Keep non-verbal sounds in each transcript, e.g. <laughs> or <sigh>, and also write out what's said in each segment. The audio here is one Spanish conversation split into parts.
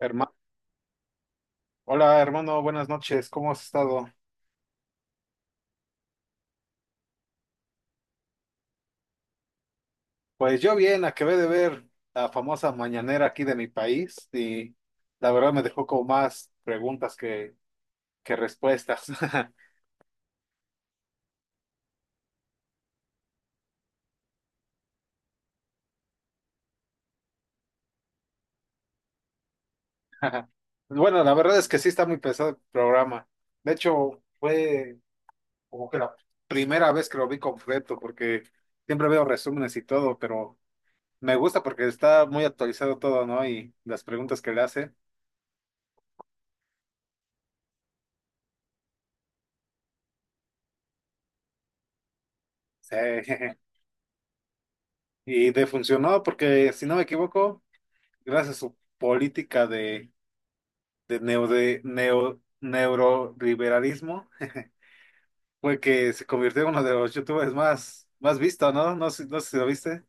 Herma- Hola hermano, buenas noches, ¿cómo has estado? Pues yo bien, acabé de ver la famosa mañanera aquí de mi país y la verdad me dejó como más preguntas que respuestas. <laughs> Bueno, la verdad es que sí está muy pesado el programa. De hecho, fue como que la primera vez que lo vi completo porque siempre veo resúmenes y todo, pero me gusta porque está muy actualizado todo, ¿no? Y las preguntas que le hace. Sí. <laughs> Y de funcionó porque si no me equivoco, gracias a su política de neoliberalismo, fue que se convirtió en uno de los youtubers más visto, ¿no? No sé, no sé si lo viste.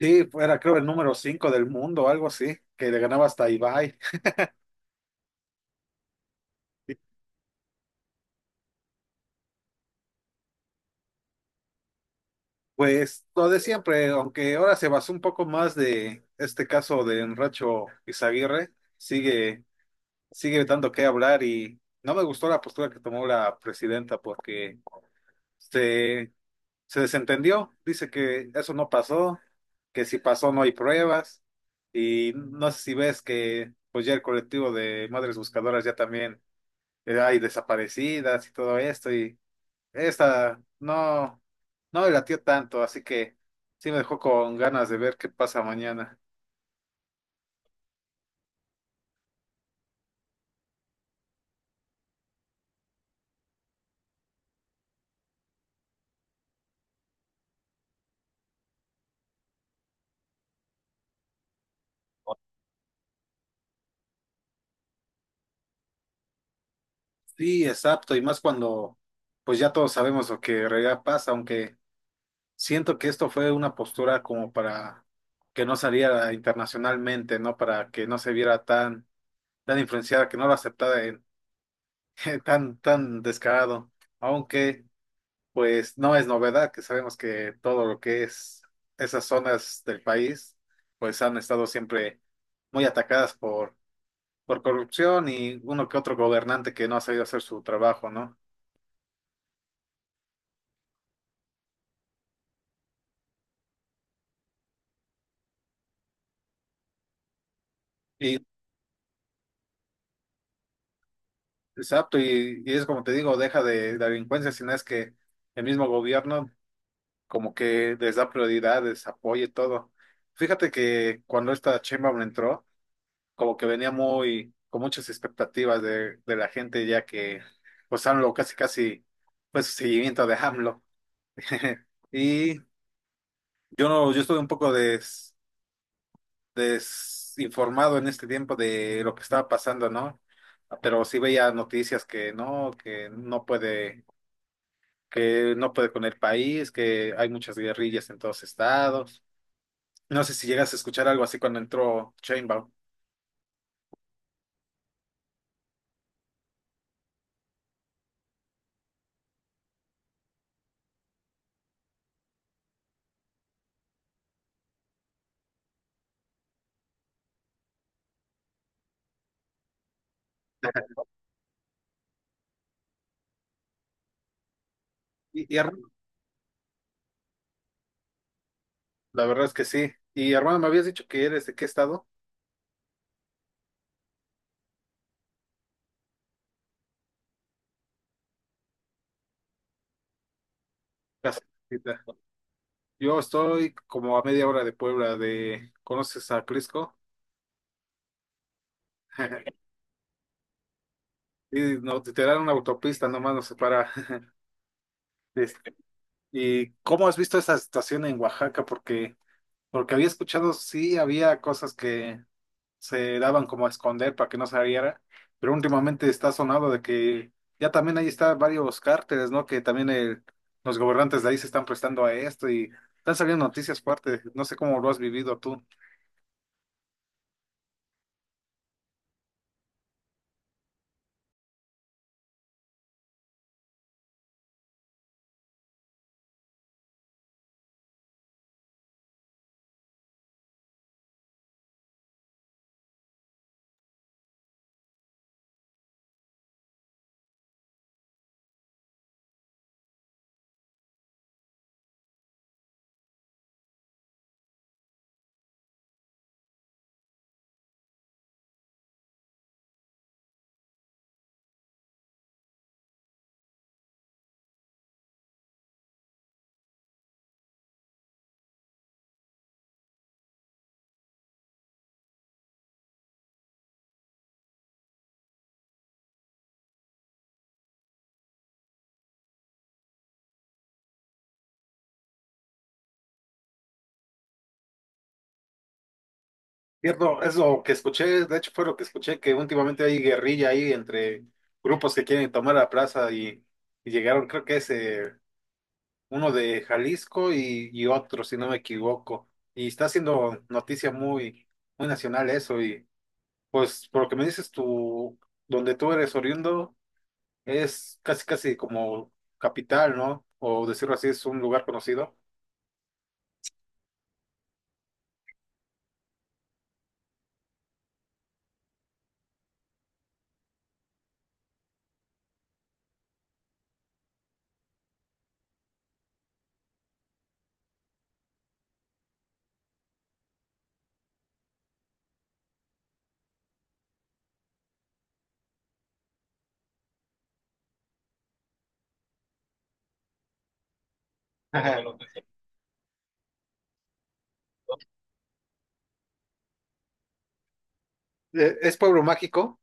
Sí, era creo el número 5 del mundo, algo así, que le ganaba hasta a Ibai. Pues lo de siempre, aunque ahora se basó un poco más de este caso de Enracho Izaguirre, sigue dando que hablar y no me gustó la postura que tomó la presidenta porque se se desentendió, dice que eso no pasó, que si pasó no hay pruebas, y no sé si ves que pues ya el colectivo de madres buscadoras ya también hay desaparecidas y todo esto, y esta no, no me latió tanto, así que sí me dejó con ganas de ver qué pasa mañana. Sí, exacto, y más cuando pues ya todos sabemos lo que en realidad pasa, aunque siento que esto fue una postura como para que no saliera internacionalmente, ¿no? Para que no se viera tan influenciada, que no lo aceptara en, <laughs> tan descarado. Aunque, pues, no es novedad que sabemos que todo lo que es esas zonas del país, pues han estado siempre muy atacadas por corrupción y uno que otro gobernante que no ha sabido hacer su trabajo, ¿no? Y exacto, y es como te digo, deja de delincuencia, sino es que el mismo gobierno como que les da prioridades, apoyo y todo. Fíjate que cuando esta Sheinbaum entró, como que venía muy, con muchas expectativas de la gente, ya que pues AMLO casi casi fue su seguimiento de AMLO. <laughs> Y yo no, yo estuve un poco desinformado en este tiempo de lo que estaba pasando, ¿no? Pero sí veía noticias que no puede con el país, que hay muchas guerrillas en todos estados. No sé si llegas a escuchar algo así cuando entró Chainbound. Y hermano, la verdad es que sí. Y hermano, me habías dicho que ¿eres de qué estado? Casita. Yo estoy como a media hora de Puebla, ¿de conoces a Crisco? <laughs> Y no, te dan una autopista, nomás nos separa. <laughs> Este, ¿Y cómo has visto esa situación en Oaxaca? Porque, porque había escuchado, sí, había cosas que se daban como a esconder para que no saliera, pero últimamente está sonado de que ya también ahí está varios cárteles, ¿no? Que también los gobernantes de ahí se están prestando a esto y están saliendo noticias fuertes, no sé cómo lo has vivido tú. Cierto, es lo que escuché, de hecho fue lo que escuché, que últimamente hay guerrilla ahí entre grupos que quieren tomar la plaza y llegaron, creo que es uno de Jalisco y otro, si no me equivoco, y está haciendo noticia muy nacional eso. Pues por lo que me dices, tú, donde tú eres oriundo es casi casi como capital, ¿no? O decirlo así, es un lugar conocido. Ajá. Es pueblo mágico.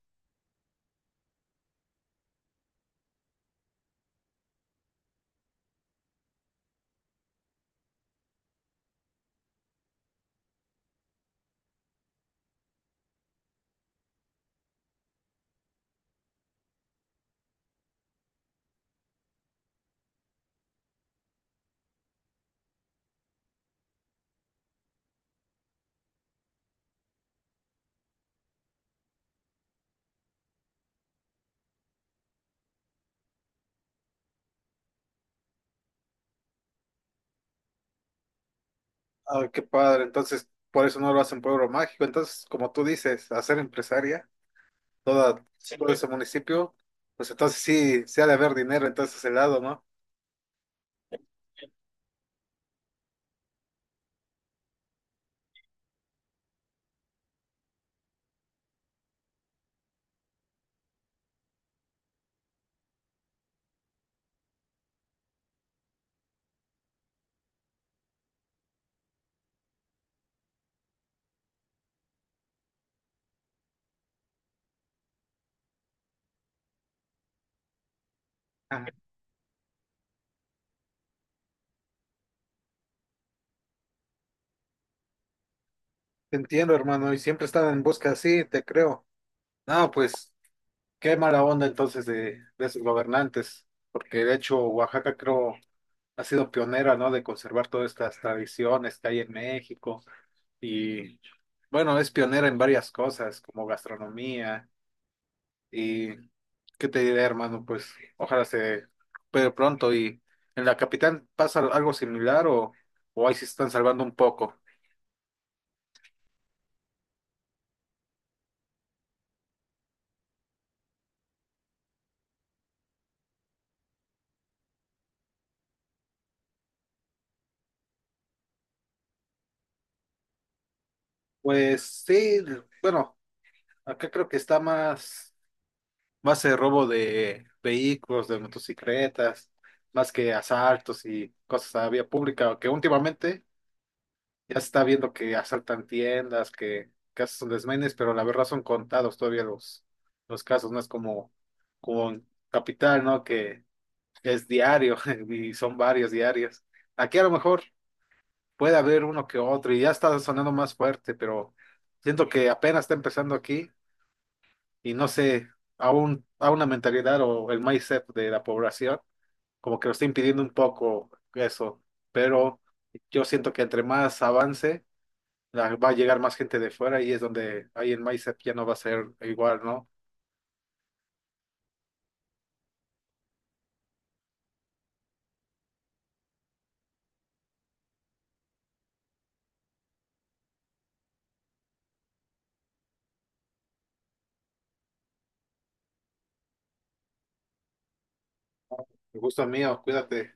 Ah, qué padre. Entonces, por eso no lo hacen pueblo mágico. Entonces, como tú dices, hacer empresaria, toda, sí, todo ese municipio, pues entonces sí, se ha de haber dinero entonces ese lado, ¿no? Ajá. Te entiendo, hermano, y siempre están en busca así, te creo. No, pues. Qué mala onda entonces de sus gobernantes, porque de hecho Oaxaca creo ha sido pionera, ¿no? De conservar todas estas tradiciones que hay en México y bueno, es pionera en varias cosas como gastronomía y qué te diré, hermano, pues ojalá se recupere pronto y en la capital pasa algo similar o ahí sí se están salvando un poco. Pues sí, bueno, acá creo que está más el robo de vehículos, de motocicletas, más que asaltos y cosas a vía pública, que últimamente ya se está viendo que asaltan tiendas, que hacen desmanes, pero la verdad son contados todavía los casos, no es como en Capital, ¿no? Que es diario <laughs> y son varios diarios. Aquí a lo mejor puede haber uno que otro y ya está sonando más fuerte, pero siento que apenas está empezando aquí y no sé, a una mentalidad o el mindset de la población, como que lo está impidiendo un poco eso, pero yo siento que entre más avance, va a llegar más gente de fuera y es donde ahí el mindset ya no va a ser igual, ¿no? El gusto es mío, cuídate.